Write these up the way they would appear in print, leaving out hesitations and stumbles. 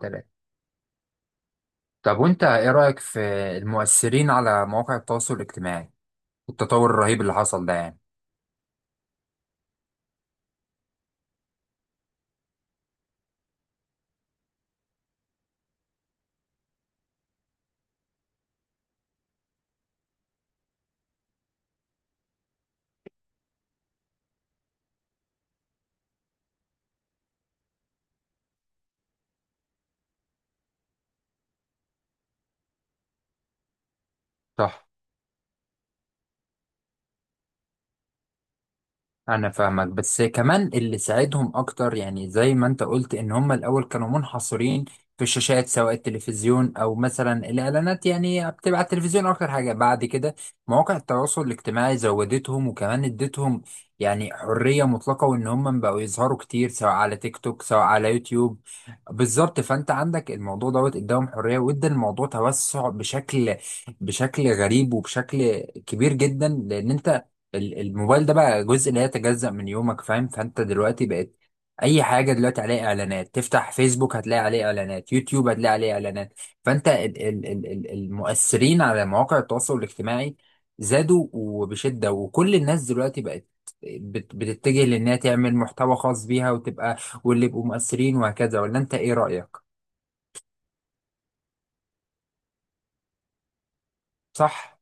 تمام. طب وانت ايه رأيك في المؤثرين على مواقع التواصل الاجتماعي والتطور الرهيب اللي حصل ده يعني؟ صح. انا فاهمك، بس كمان اللي ساعدهم اكتر، يعني زي ما انت قلت، ان هم الاول كانوا منحصرين في الشاشات، سواء التلفزيون او مثلا الاعلانات، يعني بتبقى على التلفزيون اكتر حاجة. بعد كده مواقع التواصل الاجتماعي زودتهم، وكمان ادتهم يعني حرية مطلقة، وان هم بقوا يظهروا كتير سواء على تيك توك سواء على يوتيوب. بالظبط. فانت عندك الموضوع دوت اداهم حرية، وادى الموضوع توسع بشكل غريب، وبشكل كبير جدا. لان انت الموبايل ده بقى جزء لا يتجزأ من يومك، فاهم؟ فانت دلوقتي بقت اي حاجه دلوقتي عليها اعلانات. تفتح فيسبوك هتلاقي عليه اعلانات، يوتيوب هتلاقي عليه اعلانات. فانت ال ال ال ال المؤثرين على مواقع التواصل الاجتماعي زادوا وبشده. وكل الناس دلوقتي بقت بتتجه لانها تعمل محتوى خاص بيها، وتبقى واللي يبقوا مؤثرين وهكذا. ولا انت ايه رأيك؟ صح،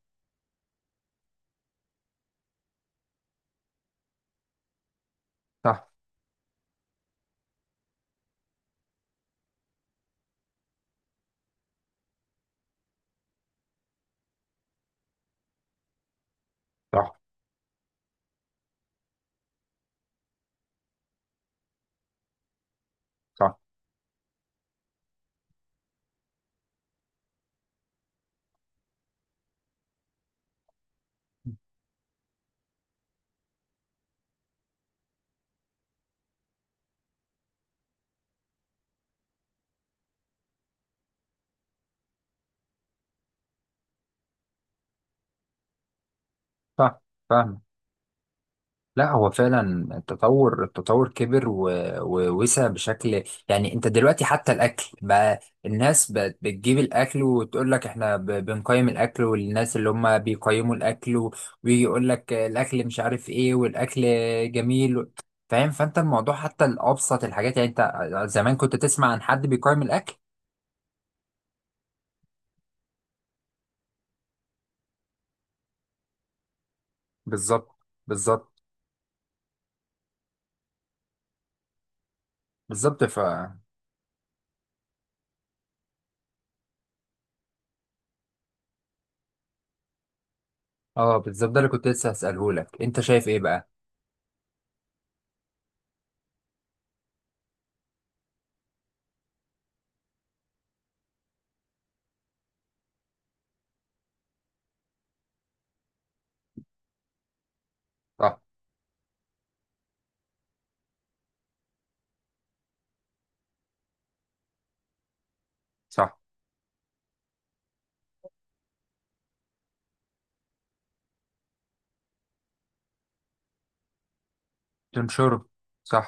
صح، صح، صح، صح، فاهمك. لا، هو فعلا التطور كبر ووسع بشكل. يعني انت دلوقتي حتى الاكل بقى الناس بقت بتجيب الاكل وتقول لك احنا بنقيم الاكل، والناس اللي هم بيقيموا الاكل ويجي يقول لك الاكل مش عارف ايه، والاكل جميل. فاهم؟ فانت الموضوع حتى الابسط الحاجات. يعني انت زمان كنت تسمع عن حد بيقيم الاكل؟ بالظبط، بالظبط، بالظبط. اه، بالظبط، ده اللي كنت لسه هسأله لك. انت شايف ايه بقى؟ صح. صح. تنشره. صح.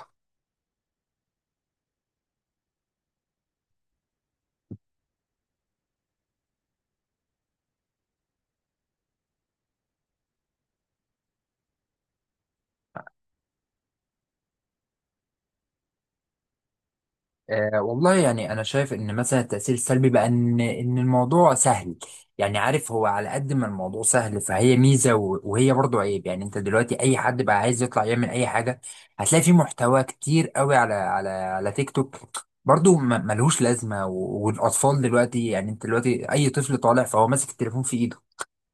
أه والله، يعني انا شايف ان مثلا التاثير السلبي بقى ان الموضوع سهل. يعني عارف، هو على قد ما الموضوع سهل فهي ميزه، وهي برضو عيب. يعني انت دلوقتي اي حد بقى عايز يطلع يعمل اي حاجه. هتلاقي في محتوى كتير قوي على تيك توك، برضو ملهوش لازمه. والاطفال دلوقتي، يعني انت دلوقتي اي طفل طالع فهو ماسك التليفون في ايده.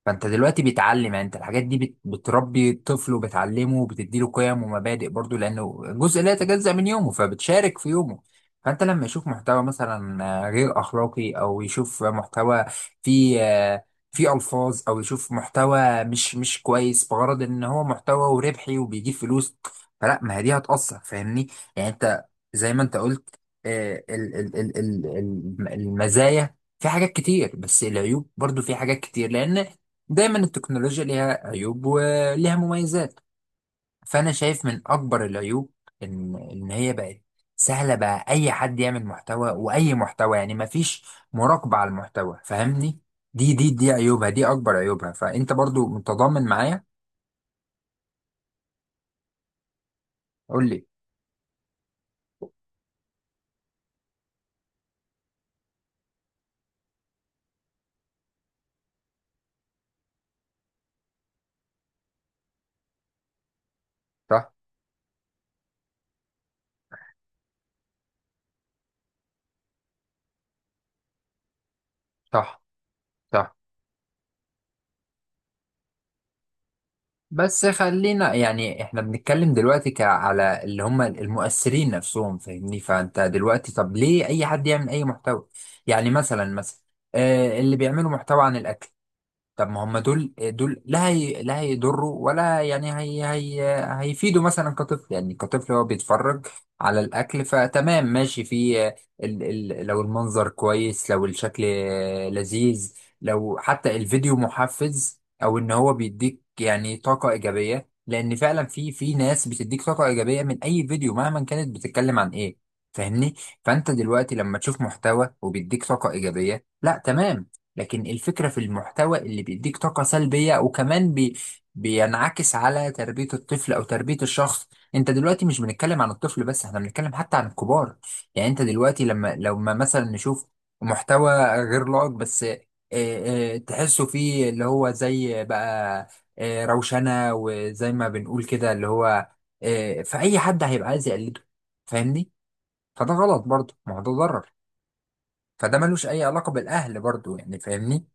فانت دلوقتي بيتعلم، يعني انت الحاجات دي بتربي الطفل وبتعلمه وبتديله قيم ومبادئ، برضو لانه جزء لا يتجزأ من يومه فبتشارك في يومه. فانت لما يشوف محتوى مثلا غير اخلاقي، او يشوف محتوى فيه آه، فيه الفاظ، او يشوف محتوى مش كويس بغرض ان هو محتوى وربحي وبيجيب فلوس. فلا، ما هي دي هتأثر، فاهمني؟ يعني انت زي ما انت قلت، المزايا في حاجات كتير، بس العيوب برضو في حاجات كتير، لان دايما التكنولوجيا ليها عيوب وليها مميزات. فانا شايف من اكبر العيوب ان هي بقت سهله. بقى اي حد يعمل محتوى واي محتوى، يعني مفيش مراقبه على المحتوى، فاهمني؟ دي عيوبها، دي اكبر عيوبها. فانت برضو متضامن معايا؟ قول لي. صح. صح. صح. بس خلينا يعني احنا بنتكلم دلوقتي على اللي هم المؤثرين نفسهم، فاهمني؟ فانت دلوقتي طب ليه اي حد يعمل اي محتوى؟ يعني مثلا اللي بيعملوا محتوى عن الاكل، طب ما هم دول، لا هي لا هيضروا ولا، يعني هي هيفيدوا. مثلا كطفل، يعني كطفل هو بيتفرج على الاكل، فتمام ماشي في ال ال لو المنظر كويس، لو الشكل لذيذ، لو حتى الفيديو محفز، او ان هو بيديك يعني طاقة ايجابية، لان فعلا في ناس بتديك طاقة ايجابية من اي فيديو مهما كانت بتتكلم عن ايه، فاهمني؟ فانت دلوقتي لما تشوف محتوى وبيديك طاقة ايجابية، لا تمام. لكن الفكرة في المحتوى اللي بيديك طاقة سلبية، وكمان بينعكس على تربية الطفل أو تربية الشخص. أنت دلوقتي مش بنتكلم عن الطفل بس، احنا بنتكلم حتى عن الكبار. يعني أنت دلوقتي لما مثلا نشوف محتوى غير لائق، بس تحسه فيه اللي هو، زي بقى روشنة، وزي ما بنقول كده اللي هو، فأي حد هيبقى عايز يقلده، فاهمني؟ فده غلط برضه، ما هو ده ضرر. فده ملوش أي علاقة بالأهل برضه، يعني فاهمني؟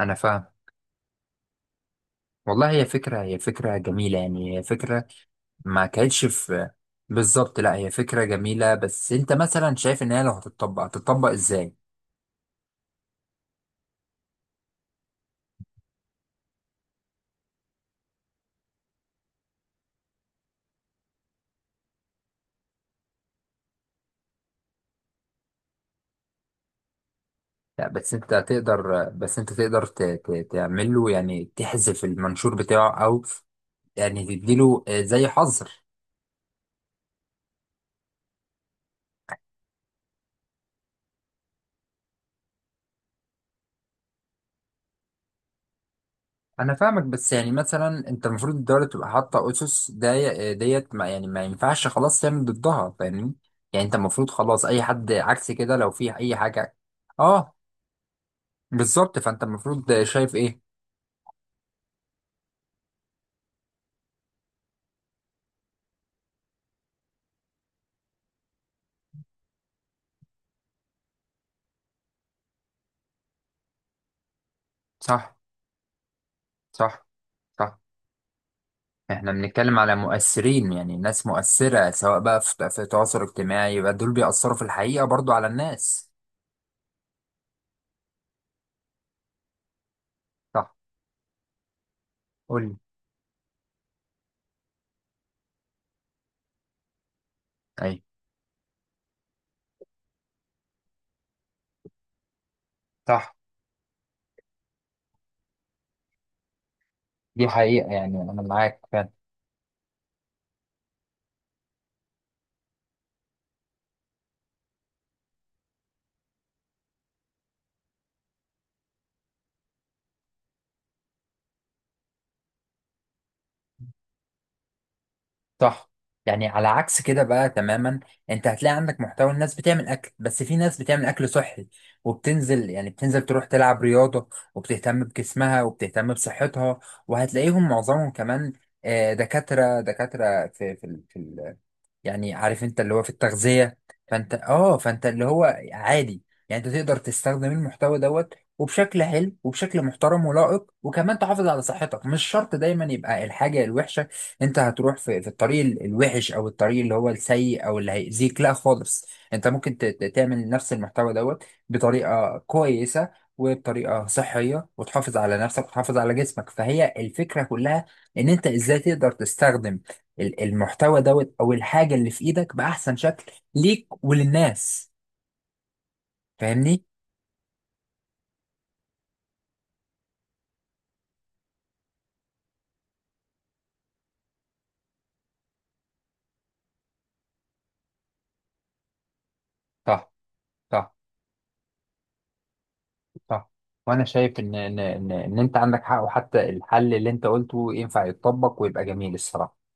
أنا فاهم. والله هي فكرة جميلة، يعني هي فكرة ما كانتش في. بالظبط. لا هي فكرة جميلة، بس انت مثلا شايف ان هي لو هتطبق هتطبق ازاي؟ لا، بس انت تقدر تعمل له، يعني تحذف المنشور بتاعه، او يعني تديله زي حظر. انا فاهمك، بس يعني مثلا انت المفروض الدولة تبقى حاطة اسس ديت ما، يعني ما ينفعش خلاص تعمل ضدها، فاهمني؟ يعني انت المفروض خلاص اي حد عكس كده لو في اي حاجة. اه، بالظبط. فانت المفروض شايف ايه؟ صح. صح. صح. احنا بنتكلم على مؤثرين، يعني ناس مؤثرة، سواء بقى في تواصل اجتماعي، يبقى دول بيأثروا في الحقيقة برضو على الناس. صح. قول لي. اي. صح. دي حقيقة، يعني انا معاك فعلا. صح. يعني على عكس كده بقى تماما. انت هتلاقي عندك محتوى الناس بتعمل اكل، بس في ناس بتعمل اكل صحي وبتنزل، يعني بتنزل تروح تلعب رياضة، وبتهتم بجسمها وبتهتم بصحتها. وهتلاقيهم معظمهم كمان دكاترة يعني عارف انت اللي هو في التغذية. فانت فانت اللي هو عادي. يعني انت تقدر تستخدم المحتوى دوت وبشكل حلو وبشكل محترم ولائق، وكمان تحافظ على صحتك. مش شرط دايما يبقى الحاجة الوحشة. انت هتروح في الطريق الوحش، او الطريق اللي هو السيء او اللي هيأذيك. لا خالص، انت ممكن تعمل نفس المحتوى دوت بطريقة كويسة وبطريقة صحية، وتحافظ على نفسك وتحافظ على جسمك. فهي الفكرة كلها ان انت ازاي تقدر تستخدم المحتوى دوت او الحاجه اللي في ايدك باحسن شكل ليك وللناس، فاهمني؟ صح. صح. صح. وانا شايف ان إن انت عندك حق، وحتى الحل اللي انت قلته ينفع يتطبق ويبقى جميل الصراحه.